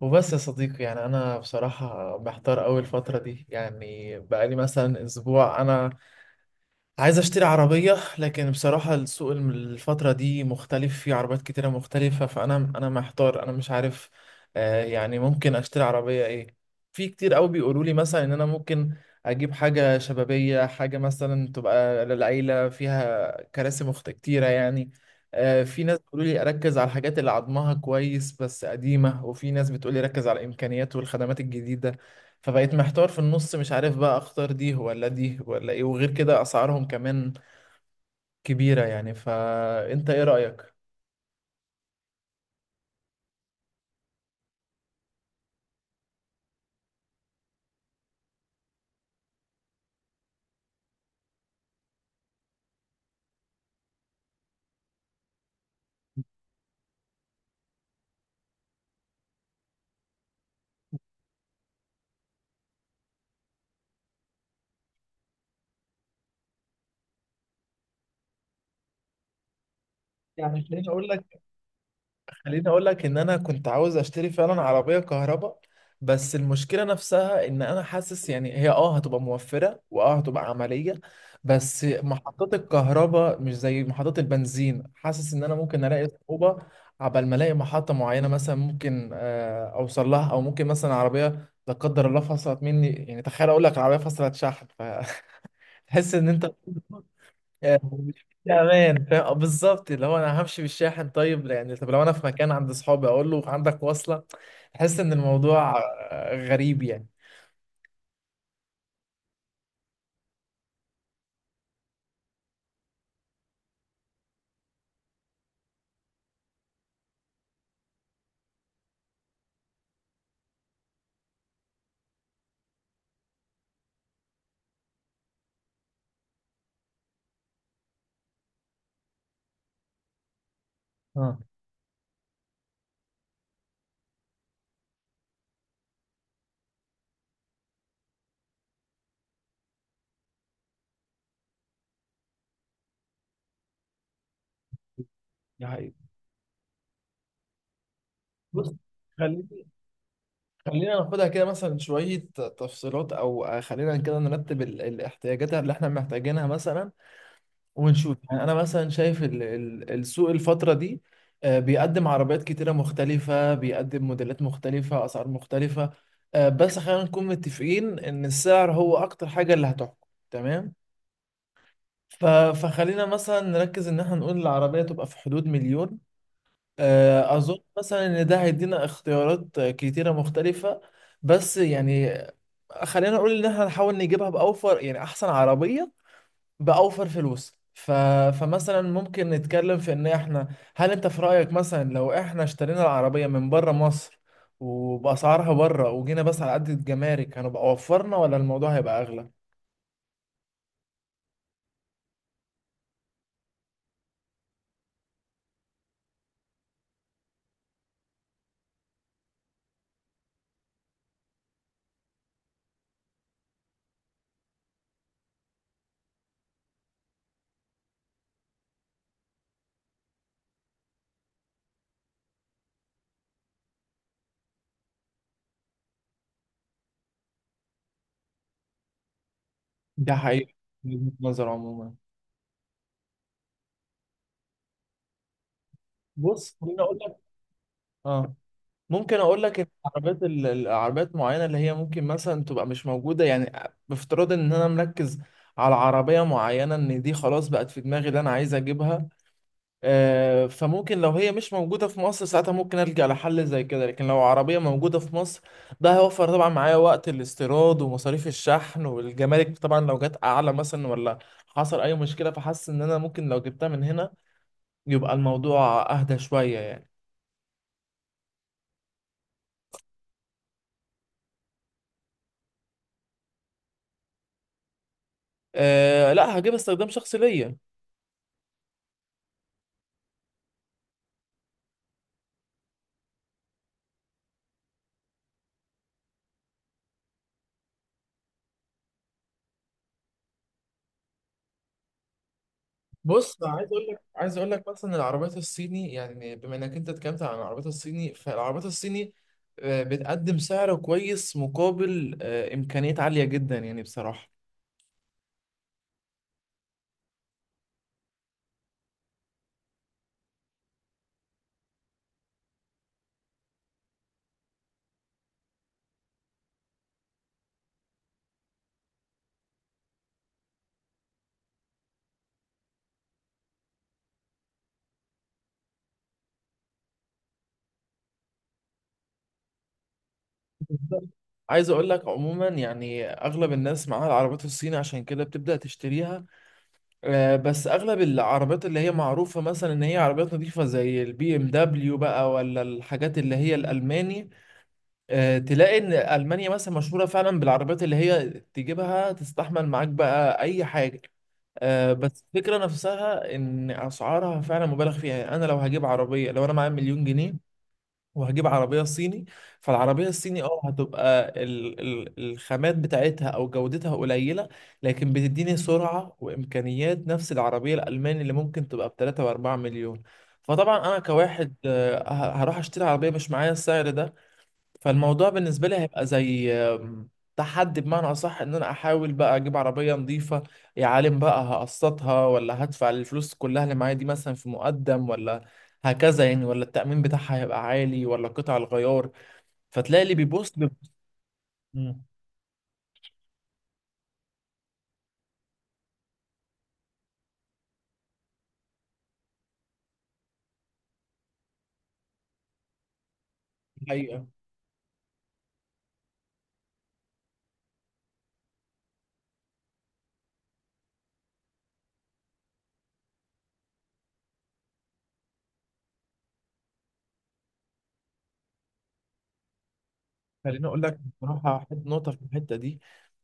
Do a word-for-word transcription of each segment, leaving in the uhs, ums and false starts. وبس يا صديقي، يعني انا بصراحة محتار قوي الفترة دي. يعني بقالي مثلا اسبوع انا عايز اشتري عربية، لكن بصراحة السوق الم- الفترة دي مختلف، في عربيات كتيرة مختلفة، فانا انا محتار، انا مش عارف آه يعني ممكن اشتري عربية ايه. في كتير قوي بيقولوا لي مثلا ان انا ممكن اجيب حاجة شبابية، حاجة مثلا تبقى للعيلة فيها كراسي مخت كتيرة يعني. آه، في ناس بيقولوا لي اركز على الحاجات اللي عظمها كويس بس قديمة، وفي ناس بتقول لي ركز على الامكانيات والخدمات الجديدة. فبقيت محتار في النص، مش عارف بقى اختار دي ولا دي ولا ايه، وغير كده اسعارهم كمان كبيرة يعني. فانت ايه رأيك؟ يعني خليني اقول لك، خليني اقول لك ان انا كنت عاوز اشتري فعلا عربيه كهرباء. بس المشكله نفسها ان انا حاسس يعني هي اه هتبقى موفره، واه هتبقى عمليه. بس محطات الكهرباء مش زي محطات البنزين، حاسس ان انا ممكن الاقي صعوبه عبال ما الاقي محطه معينه. مثلا ممكن آه، اوصل لها، او ممكن مثلا عربيه لا قدر الله فصلت مني، يعني تخيل اقول لك عربيه فصلت شحن فتحس ان انت يعني مش امان، فاهم؟ آه، بالظبط، اللي هو انا همشي بالشاحن؟ طيب يعني طب لو انا في مكان عند اصحابي اقول له عندك وصله؟ تحس ان الموضوع آه، غريب يعني. اه، ده حقيقي. بص، خليني خلينا ناخدها كده مثلا شويه تفصيلات، او خلينا كده نرتب ال- الاحتياجات اللي احنا محتاجينها مثلا ونشوف. يعني انا مثلا شايف ال- ال- السوق الفتره دي آه، بيقدم عربيات كتيره مختلفه، بيقدم موديلات مختلفه، اسعار مختلفه. آه، بس خلينا نكون متفقين ان السعر هو اكتر حاجه اللي هتحكم، تمام؟ ف- فخلينا مثلا نركز ان احنا نقول العربيه تبقى في حدود مليون. آه، اظن مثلا ان ده هيدينا اختيارات آه، كتيره مختلفه. بس يعني خلينا نقول ان احنا نحاول نجيبها باوفر، يعني احسن عربيه بأوفر فلوس ف... فمثلا ممكن نتكلم في ان احنا، هل انت في رأيك مثلا لو احنا اشترينا العربية من بره مصر وبأسعارها بره وجينا بس على قد الجمارك، هنبقى وفرنا ولا الموضوع هيبقى اغلى؟ ده حقيقي، من وجهة نظر عموما. بص خليني اقول لك. اه، ممكن اقول لك ان العربيات ال- العربيات معينة اللي هي ممكن مثلا تبقى مش موجودة يعني. بافتراض ان انا مركز على عربية معينة، ان دي خلاص بقت في دماغي اللي انا عايز اجيبها، آه، فممكن لو هي مش موجودة في مصر ساعتها ممكن ألجأ لحل زي كده. لكن لو عربية موجودة في مصر، ده هيوفر طبعا معايا وقت الاستيراد ومصاريف الشحن والجمارك. طبعا لو جت أعلى مثلا، ولا حصل أي مشكلة، فحاسس إن أنا ممكن لو جبتها من هنا يبقى الموضوع أهدى شوية يعني. أه لا، هجيب استخدام شخصي ليا. بص عايز اقول لك، عايز اقول لك مثلا العربيات الصيني، يعني بما انك انت اتكلمت عن العربيات الصيني، فالعربيات الصيني آه، بتقدم سعر كويس مقابل آه، امكانيات عاليه جدا يعني بصراحه. بالظبط. عايز اقول لك عموما يعني اغلب الناس معاها العربيات الصيني، عشان كده بتبدا تشتريها. آه، بس اغلب العربيات اللي هي معروفه مثلا ان هي عربيات نظيفه زي البي ام دبليو بقى، ولا الحاجات اللي هي الالماني، آه، تلاقي ان المانيا مثلا مشهوره فعلا بالعربيات اللي هي تجيبها تستحمل معاك بقى اي حاجه. آه، بس الفكره نفسها ان اسعارها فعلا مبالغ فيها. يعني انا لو هجيب عربيه، لو انا معايا مليون جنيه وهجيب عربيه صيني، فالعربيه الصيني اه هتبقى ال ال الخامات بتاعتها او جودتها قليله، لكن بتديني سرعه وامكانيات نفس العربيه الالماني اللي ممكن تبقى ب ثلاثة و4 مليون. فطبعا انا كواحد آه، ه- هروح اشتري عربيه مش معايا السعر ده. فالموضوع بالنسبة لي هيبقى زي آم، تحدي بمعنى أصح، إن أنا أحاول بقى أجيب عربية نظيفة. يا عالم بقى، هقسطها ولا هدفع الفلوس كلها اللي معايا دي مثلا في مقدم، ولا هكذا يعني، ولا التأمين بتاعها هيبقى عالي، ولا قطع الغيار. فتلاقي اللي بيبص ب- مم. الحقيقة، خليني اقول لك بصراحه، حط نقطه في الحته دي.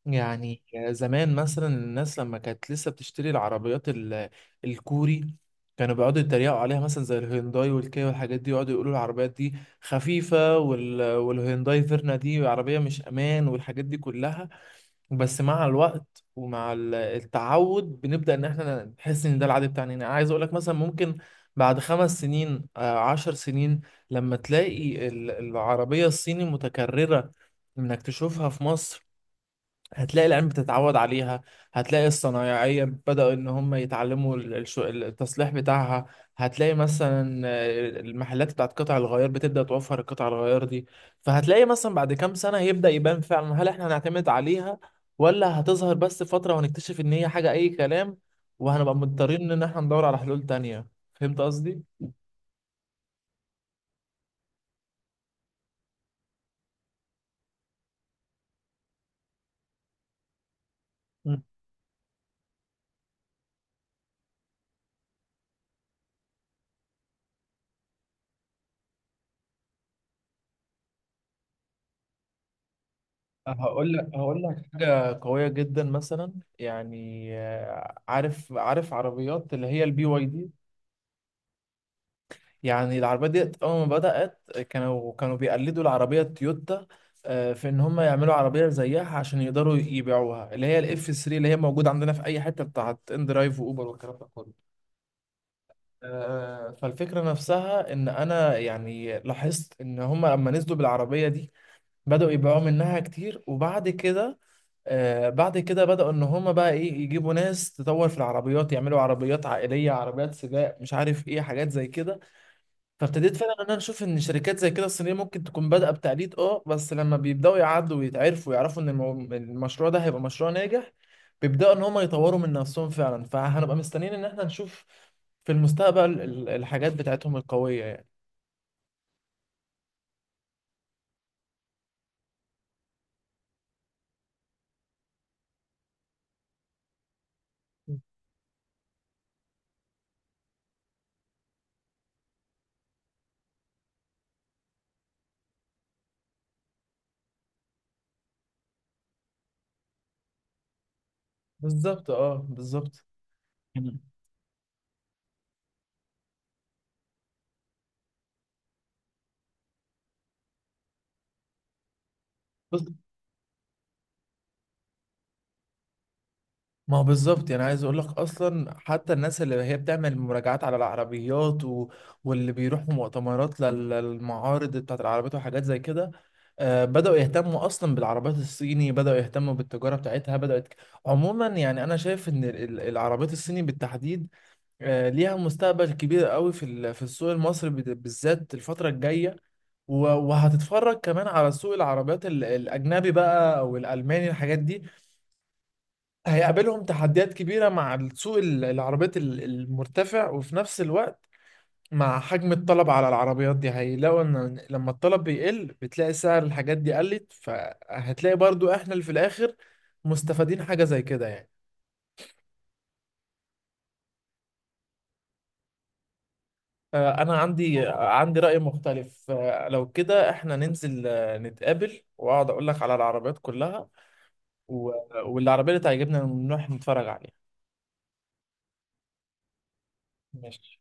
يعني زمان مثلا الناس لما كانت لسه بتشتري العربيات ال- الكوري، كانوا بيقعدوا يتريقوا عليها مثلا زي الهيونداي والكيا والحاجات دي، يقعدوا يقولوا العربيات دي خفيفه وال... والهيونداي فيرنا دي عربيه مش امان، والحاجات دي كلها. بس مع الوقت ومع ال- التعود بنبدأ ان احنا نحس ان ده العادي بتاعنا. انا عايز اقول لك مثلا ممكن بعد خمس سنين، آه، عشر سنين، لما تلاقي ال- العربية الصيني متكررة، انك تشوفها في مصر، هتلاقي العلم بتتعود عليها، هتلاقي الصنايعية بدأوا إن هم يتعلموا ال- الش- التصليح بتاعها، هتلاقي مثلا آه، المحلات بتاعت قطع الغيار بتبدأ توفر القطع الغيار دي. فهتلاقي مثلا بعد كام سنة هيبدأ يبان فعلا هل احنا هنعتمد عليها، ولا هتظهر بس فترة وهنكتشف إن هي حاجة أي كلام وهنبقى مضطرين إن احنا ندور على حلول تانية. فهمت قصدي؟ مم. هقول لك، هقول لك حاجة قوية جدا مثلا. يعني آه، عارف عارف عربيات اللي هي البي واي دي. يعني العربيات دي أول ما بدأت، كانوا كانوا بيقلدوا العربية التويوتا، آه، في إن هم يعملوا عربية زيها عشان يقدروا يبيعوها، اللي هي الإف ثلاثة اللي هي موجودة عندنا في أي حتة بتاعت إن درايف وأوبر والكلام ده كله. آه، فالفكرة نفسها، إن أنا يعني لاحظت إن هم لما نزلوا بالعربية دي بدأوا يبيعوا منها كتير، وبعد كده، آه، بعد كده بدأوا إن هما بقى إيه، يجيبوا ناس تطور في العربيات، يعملوا عربيات عائلية، عربيات سباق، مش عارف إيه حاجات زي كده. فابتديت فعلا ان انا اشوف ان شركات زي كده الصينيه ممكن تكون بادئه بتقليد، اه، بس لما بيبداوا يعدوا ويتعرفوا ويعرفوا ان المو... المشروع ده هيبقى مشروع ناجح، بيبداوا ان هم يطوروا من نفسهم فعلا. فهنبقى مستنيين ان احنا نشوف في المستقبل ال- الحاجات بتاعتهم القويه يعني. بالظبط، اه بالظبط. مم. ما هو بالظبط، يعني عايز اقول لك اصلا حتى الناس اللي هي بتعمل مراجعات على العربيات و... واللي بيروحوا مؤتمرات لل- للمعارض بتاعت العربيات وحاجات زي كده، آه، بدأوا يهتموا اصلا بالعربيات الصيني، بدأوا يهتموا بالتجارة بتاعتها بدأت. عموما يعني انا شايف ان ال- ال- العربيات الصيني بالتحديد آه، ليها مستقبل كبير قوي في ال- في السوق المصري بال- بالذات الفترة الجاية. و- وهتتفرج كمان على سوق العربيات ال- الاجنبي بقى، او الالماني الحاجات دي هيقابلهم تحديات كبيرة مع السوق ال- العربيات ال- المرتفع. وفي نفس الوقت مع حجم الطلب على العربيات دي، هيلاقوا ان لما الطلب بيقل بتلاقي سعر الحاجات دي قلت، فهتلاقي برضو احنا اللي في الاخر مستفادين حاجة زي كده يعني. آه، انا عندي، عندي رأي مختلف. آه، لو كده احنا ننزل آه، نتقابل، واقعد اقول لك على العربيات كلها، و- والعربية اللي تعجبنا نروح نتفرج عليها. ماشي،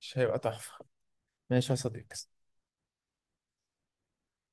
مش هيبقى تحفة؟ ماشي يا صديقي.